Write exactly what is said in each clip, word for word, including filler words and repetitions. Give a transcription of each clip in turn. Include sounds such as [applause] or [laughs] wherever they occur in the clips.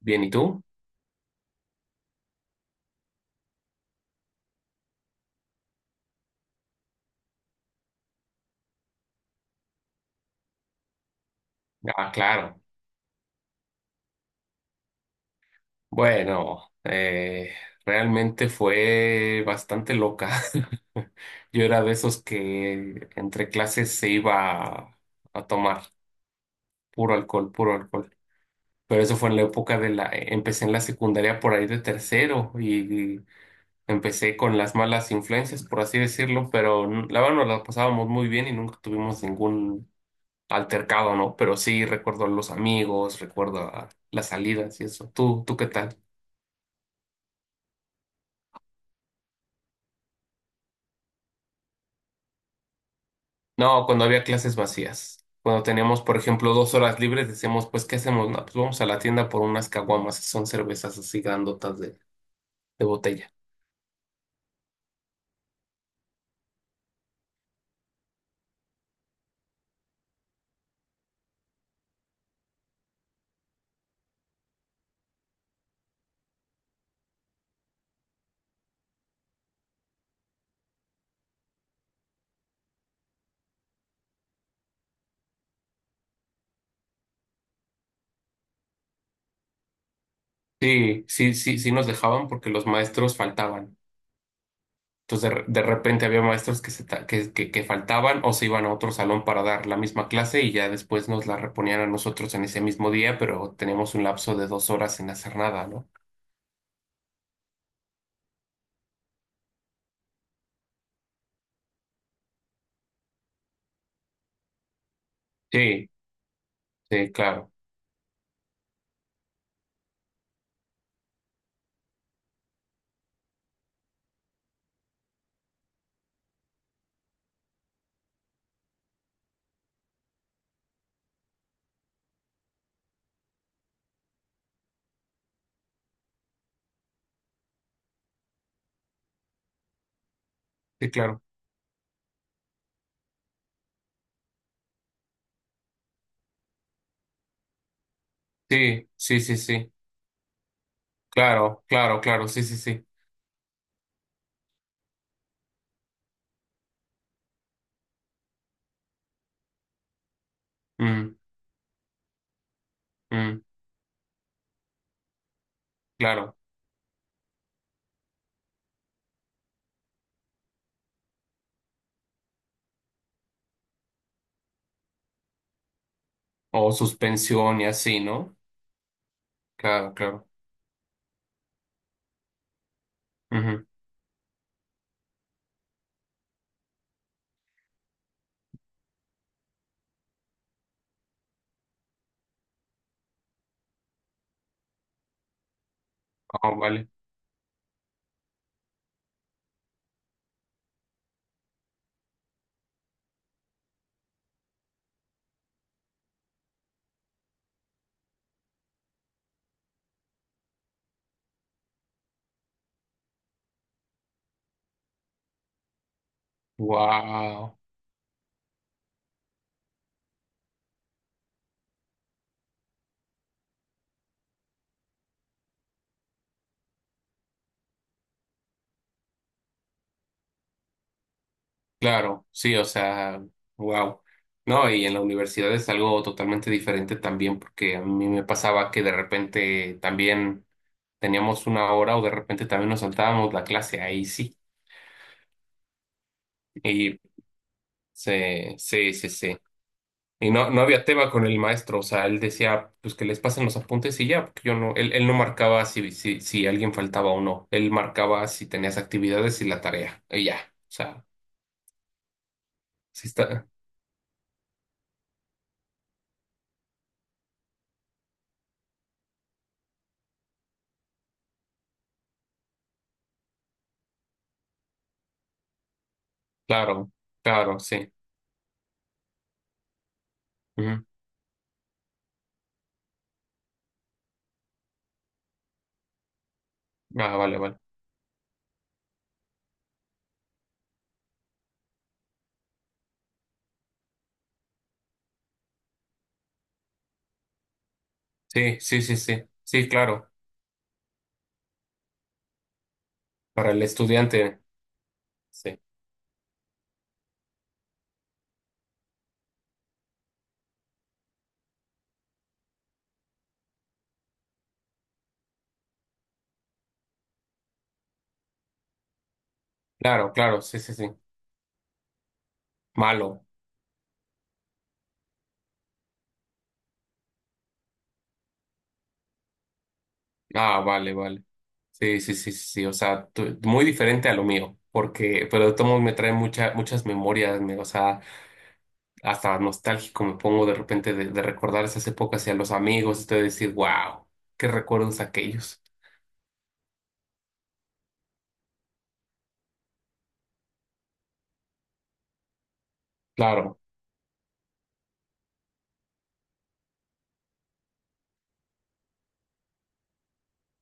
Bien, ¿y tú? Ah, claro. Bueno, eh, realmente fue bastante loca. [laughs] Yo era de esos que entre clases se iba a, a tomar puro alcohol, puro alcohol. Pero eso fue en la época de la... e, Empecé en la secundaria por ahí de tercero y empecé con las malas influencias, por así decirlo, pero n- la verdad nos la pasábamos muy bien y nunca tuvimos ningún altercado, ¿no? Pero sí recuerdo a los amigos, recuerdo a las salidas y eso. ¿Tú, tú qué tal? No, cuando había clases vacías. Cuando teníamos, por ejemplo, dos horas libres, decíamos, pues, ¿qué hacemos? No, pues vamos a la tienda por unas caguamas, que son cervezas así grandotas de, de botella. Sí, sí, sí, sí nos dejaban porque los maestros faltaban. Entonces, de, re- de repente había maestros que, se ta- que, que, que faltaban o se iban a otro salón para dar la misma clase y ya después nos la reponían a nosotros en ese mismo día, pero teníamos un lapso de dos horas sin hacer nada, ¿no? Sí, sí, claro, sí, claro. Sí, sí, sí, sí. Claro, claro, claro, sí, sí, sí. Mm. Mm, claro. O suspensión y así, ¿no? Claro, claro. Ujú. Oh, vale. Wow. Claro, sí, o sea, wow. No, y en la universidad es algo totalmente diferente también, porque a mí me pasaba que de repente también teníamos una hora o de repente también nos saltábamos la clase ahí, sí. Y sí, sí, sí, sí. Y no, no había tema con el maestro, o sea, él decía, pues que les pasen los apuntes y ya, porque yo no, él, él no marcaba si, si, si alguien faltaba o no, él marcaba si tenías actividades y la tarea, y ya, o sea, sí está, claro, claro, sí, ujú. Ah, vale, vale, sí, sí, sí, sí, sí, claro, para el estudiante, sí, claro, claro, sí, sí, sí, malo, ah, vale, vale, sí, sí, sí, sí, sí, o sea, tú- muy diferente a lo mío, porque, pero de todos modos me trae mucha, muchas memorias, me- o sea, hasta nostálgico me pongo de repente de, de recordar esas épocas y a los amigos y de decir, wow, qué recuerdos aquellos. Claro,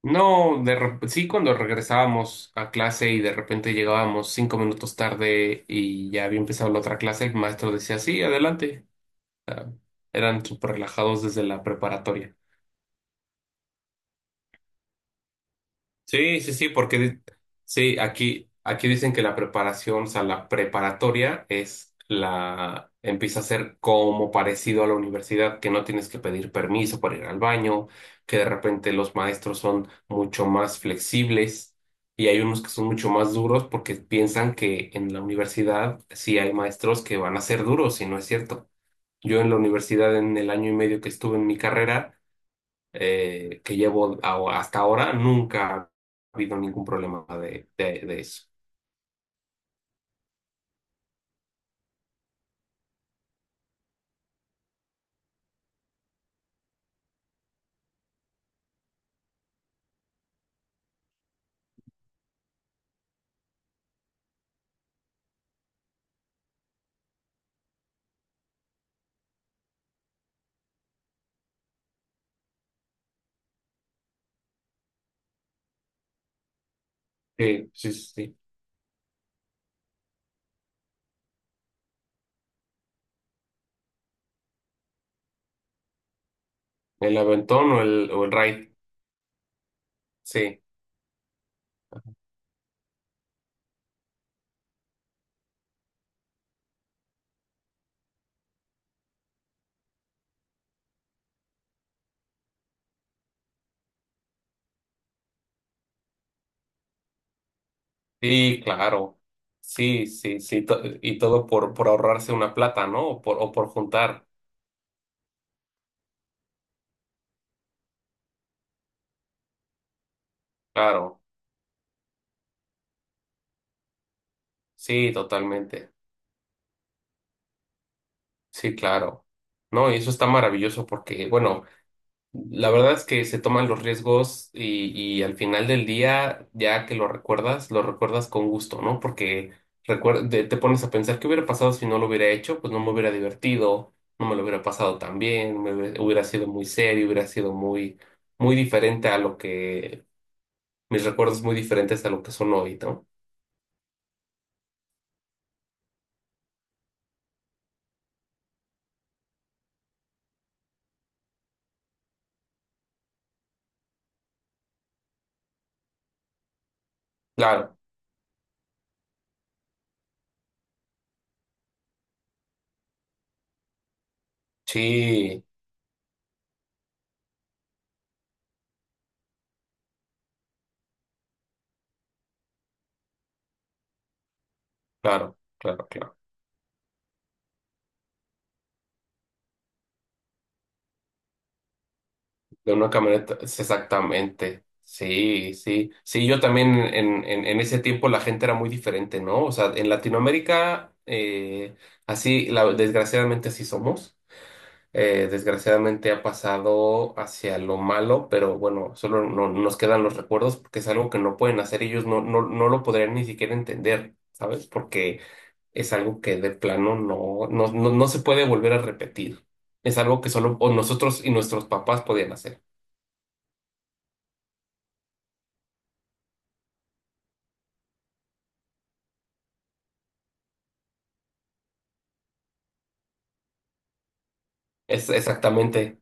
no, de, re- sí cuando regresábamos a clase y de repente llegábamos cinco minutos tarde y ya había empezado la otra clase, el maestro decía, sí, adelante. Eran súper relajados desde la preparatoria. Sí, sí, sí, porque di- sí, aquí, aquí dicen que la preparación, o sea, la preparatoria es la, empieza a ser como parecido a la universidad, que no tienes que pedir permiso para ir al baño, que de repente los maestros son mucho más flexibles y hay unos que son mucho más duros porque piensan que en la universidad sí hay maestros que van a ser duros y no es cierto. Yo en la universidad, en el año y medio que estuve en mi carrera, eh, que llevo a- hasta ahora, nunca ha habido ningún problema de, de, de eso. Sí, sí, sí, sí. El aventón o el, o el ride. Sí, sí, claro. Sí, sí, sí. To- y todo por, por ahorrarse una plata, ¿no? O por, o por juntar. Claro. Sí, totalmente. Sí, claro. No, y eso está maravilloso porque, bueno, la verdad es que se toman los riesgos y, y al final del día, ya que lo recuerdas, lo recuerdas con gusto, ¿no? Porque recuer- de- te pones a pensar qué hubiera pasado si no lo hubiera hecho, pues no me hubiera divertido, no me lo hubiera pasado tan bien, me hubiera hubiera sido muy serio, hubiera sido muy, muy diferente a lo que, mis recuerdos muy diferentes a lo que son hoy, ¿no? Claro, sí, claro, claro, claro. De una camioneta, es exactamente. Sí, sí. Sí, yo también en, en, en ese tiempo la gente era muy diferente, ¿no? O sea, en Latinoamérica, eh, así, la- desgraciadamente así somos. Eh, desgraciadamente ha pasado hacia lo malo, pero bueno, solo no, nos quedan los recuerdos porque es algo que no pueden hacer ellos, no, no, no lo podrían ni siquiera entender, ¿sabes? Porque es algo que de plano no, no, no, no se puede volver a repetir. Es algo que solo o nosotros y nuestros papás podían hacer. Es exactamente,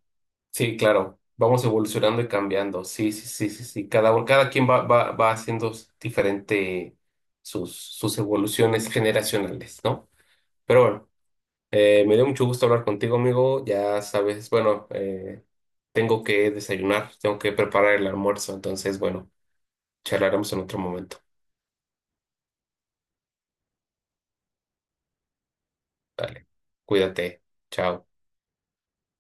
sí, claro. Vamos evolucionando y cambiando. Sí, sí, sí, sí, sí. Cada, uno- cada quien va, va, va haciendo diferente sus, sus evoluciones generacionales, ¿no? Pero bueno, eh, me dio mucho gusto hablar contigo, amigo. Ya sabes, bueno, eh, tengo que desayunar, tengo que preparar el almuerzo. Entonces, bueno, charlaremos en otro momento. Dale, cuídate. Chao.